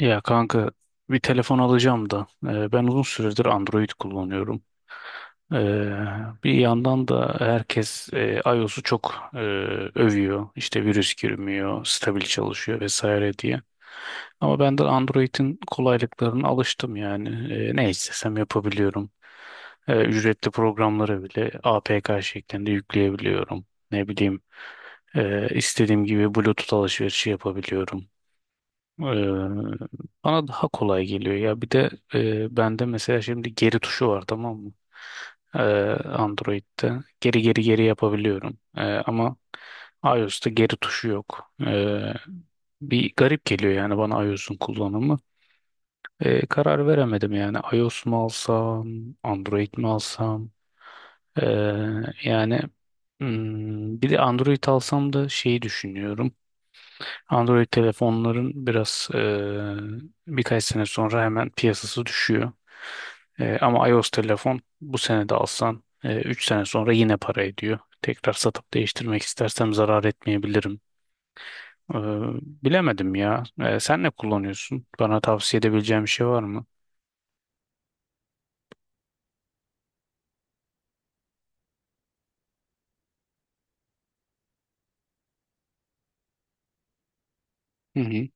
Ya kanka, bir telefon alacağım da ben uzun süredir Android kullanıyorum. E, Bir yandan da herkes iOS'u çok övüyor. İşte virüs girmiyor, stabil çalışıyor vesaire diye. Ama ben de Android'in kolaylıklarına alıştım yani. Ne istesem yapabiliyorum. Ücretli programları bile APK şeklinde yükleyebiliyorum. Ne bileyim, istediğim gibi Bluetooth alışverişi yapabiliyorum. Eee, Bana daha kolay geliyor ya. Bir de bende mesela şimdi geri tuşu var, tamam mı? Eee, Android'de geri geri geri yapabiliyorum. Ama iOS'ta geri tuşu yok. Bir garip geliyor yani bana iOS'un kullanımı. Karar veremedim yani, iOS mu alsam, Android mi alsam? Yani bir de Android alsam da şeyi düşünüyorum. Android telefonların biraz birkaç sene sonra hemen piyasası düşüyor. Ama iOS telefon bu sene de alsan 3 sene sonra yine para ediyor. Tekrar satıp değiştirmek istersem zarar etmeyebilirim. Eee, Bilemedim ya. Sen ne kullanıyorsun? Bana tavsiye edebileceğin bir şey var mı? Hı hı.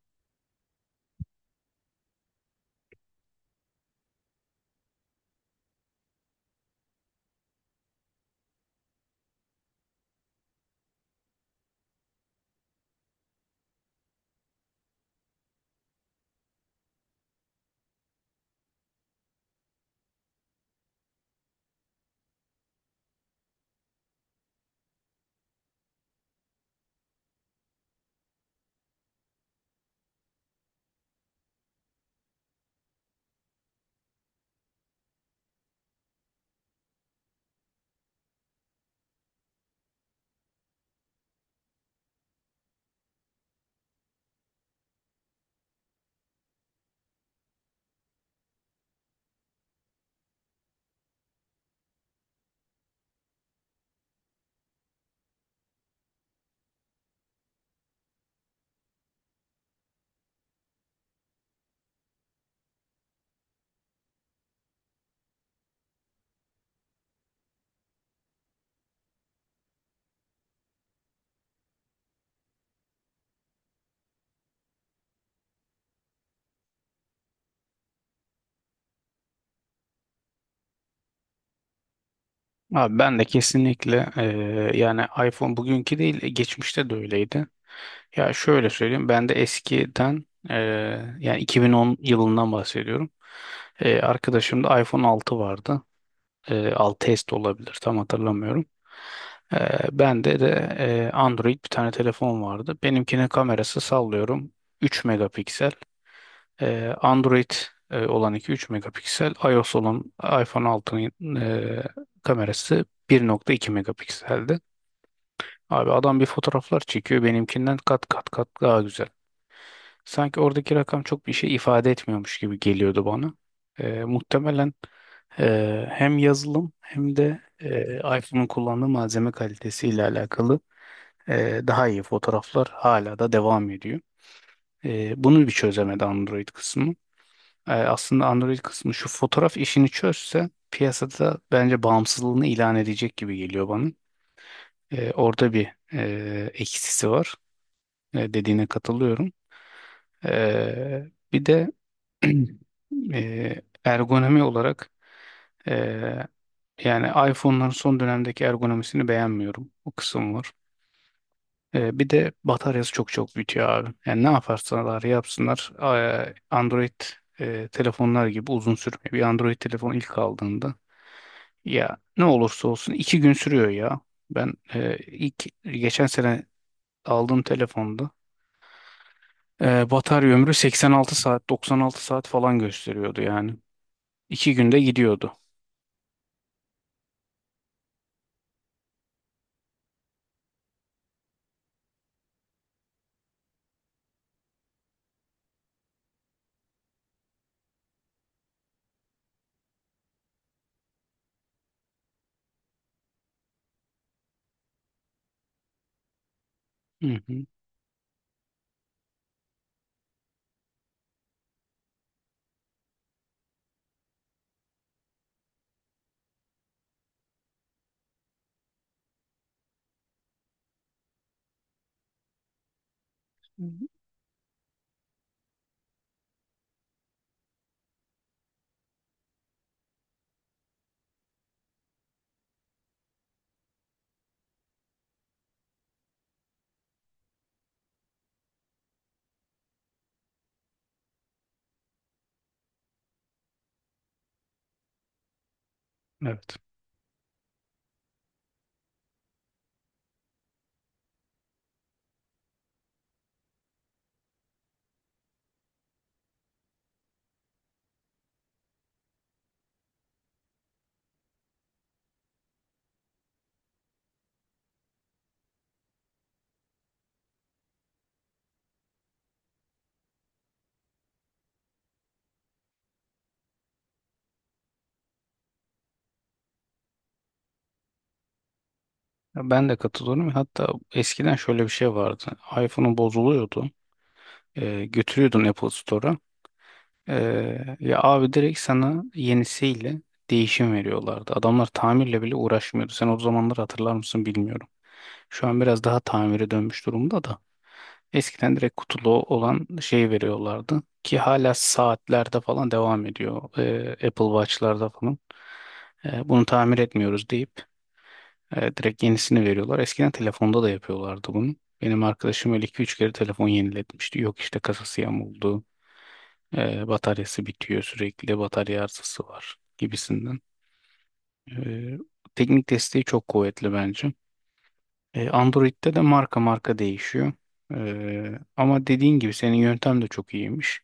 Abi, ben de kesinlikle yani iPhone bugünkü değil, geçmişte de öyleydi. Ya şöyle söyleyeyim, ben de eskiden yani 2010 yılından bahsediyorum. Arkadaşımda iPhone 6 vardı. 6S de olabilir, tam hatırlamıyorum. Bende de Android bir tane telefon vardı. Benimkinin kamerası sallıyorum 3 megapiksel. Android olan iki üç megapiksel, iOS olan iPhone 6'nın kamerası 1,2 megapikseldi. Abi, adam bir fotoğraflar çekiyor, benimkinden kat kat kat daha güzel. Sanki oradaki rakam çok bir şey ifade etmiyormuş gibi geliyordu bana. Muhtemelen hem yazılım hem de iPhone'un kullandığı malzeme kalitesiyle alakalı daha iyi fotoğraflar, hala da devam ediyor. Bunu bir çözemedi Android kısmı. Aslında Android kısmı şu fotoğraf işini çözse, piyasada bence bağımsızlığını ilan edecek gibi geliyor bana. Orada bir eksisi var. Dediğine katılıyorum. E, Bir de ergonomi olarak, e, yani iPhone'ların son dönemdeki ergonomisini beğenmiyorum. O kısım var. Bir de bataryası çok çok bitiyor abi. Yani ne yaparsalar yapsınlar, Android telefonlar gibi uzun sürmüyor. Bir Android telefon ilk aldığında, ya ne olursa olsun iki gün sürüyor ya. Ben ilk geçen sene aldığım telefonda batarya ömrü 86 saat, 96 saat falan gösteriyordu yani. İki günde gidiyordu. Hı hı, evet. Ya, ben de katılıyorum. Hatta eskiden şöyle bir şey vardı. iPhone'un bozuluyordu. Götürüyordun Apple Store'a. Ya abi, direkt sana yenisiyle değişim veriyorlardı. Adamlar tamirle bile uğraşmıyordu. Sen o zamanları hatırlar mısın, bilmiyorum. Şu an biraz daha tamire dönmüş durumda da. Eskiden direkt kutulu olan şey veriyorlardı. Ki hala saatlerde falan devam ediyor. Apple Watch'larda falan. Bunu tamir etmiyoruz deyip evet, direkt yenisini veriyorlar. Eskiden telefonda da yapıyorlardı bunu. Benim arkadaşım öyle 2 üç kere telefon yeniletmişti. Yok işte, kasası yamuldu, bataryası bitiyor sürekli, batarya arızası var gibisinden. E, Teknik desteği çok kuvvetli bence. Android'de de marka marka değişiyor. Ama dediğin gibi, senin yöntem de çok iyiymiş.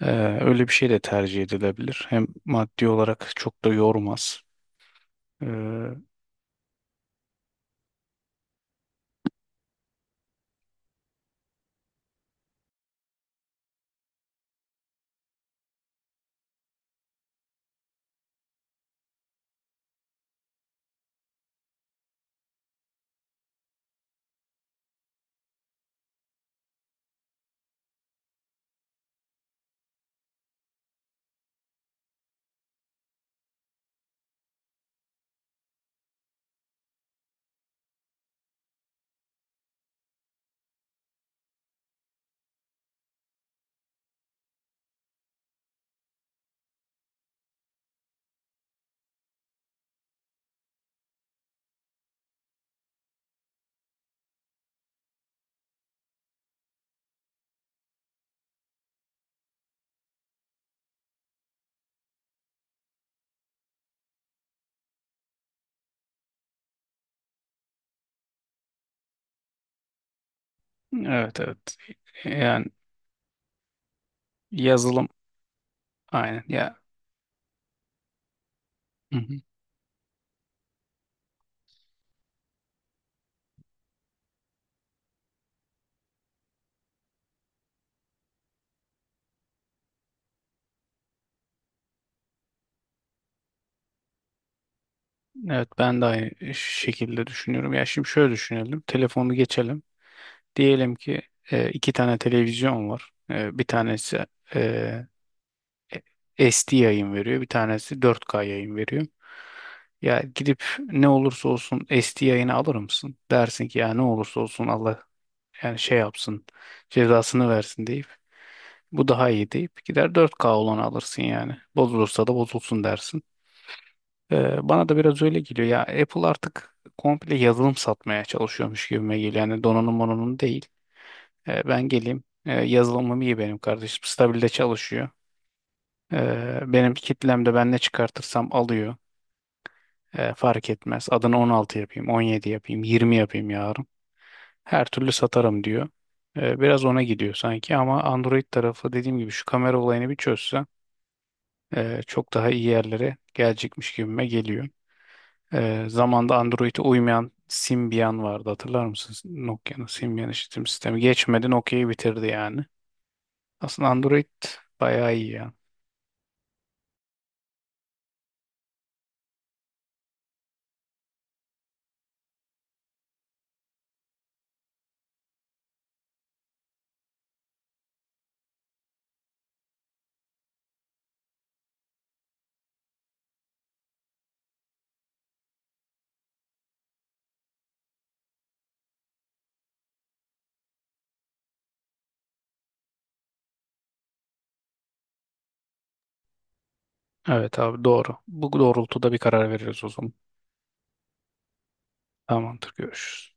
E, Öyle bir şey de tercih edilebilir. Hem maddi olarak çok da yormaz. E, evet, evet. Yani yazılım. Aynen ya. Hı hı. Evet, ben de aynı şekilde düşünüyorum. Ya, şimdi şöyle düşünelim. Telefonu geçelim. Diyelim ki iki tane televizyon var. Bir tanesi e, SD yayın veriyor. Bir tanesi 4K yayın veriyor. Ya gidip ne olursa olsun SD yayını alır mısın? Dersin ki ya ne olursa olsun, Allah yani şey yapsın, cezasını versin deyip, bu daha iyi deyip gider 4K olanı alırsın yani. Bozulursa da bozulsun dersin. Bana da biraz öyle geliyor. Ya, Apple artık komple yazılım satmaya çalışıyormuş gibime geliyor. Yani donanım onun değil. Ben geleyim. Yazılımım iyi benim kardeşim. Stabilde çalışıyor. Benim kitlemde ben ne çıkartırsam alıyor. Fark etmez. Adını 16 yapayım, 17 yapayım, 20 yapayım yarın. Her türlü satarım diyor. Biraz ona gidiyor sanki ama Android tarafı, dediğim gibi, şu kamera olayını bir çözse çok daha iyi yerlere gelecekmiş gibime geliyor. Zamanda Android'e uymayan Symbian vardı, hatırlar mısınız? Nokia'nın Symbian işletim sistemi geçmedi, Nokia'yı bitirdi yani. Aslında Android bayağı iyi ya. Evet abi, doğru. Bu doğrultuda bir karar veririz o zaman. Tamamdır, görüşürüz.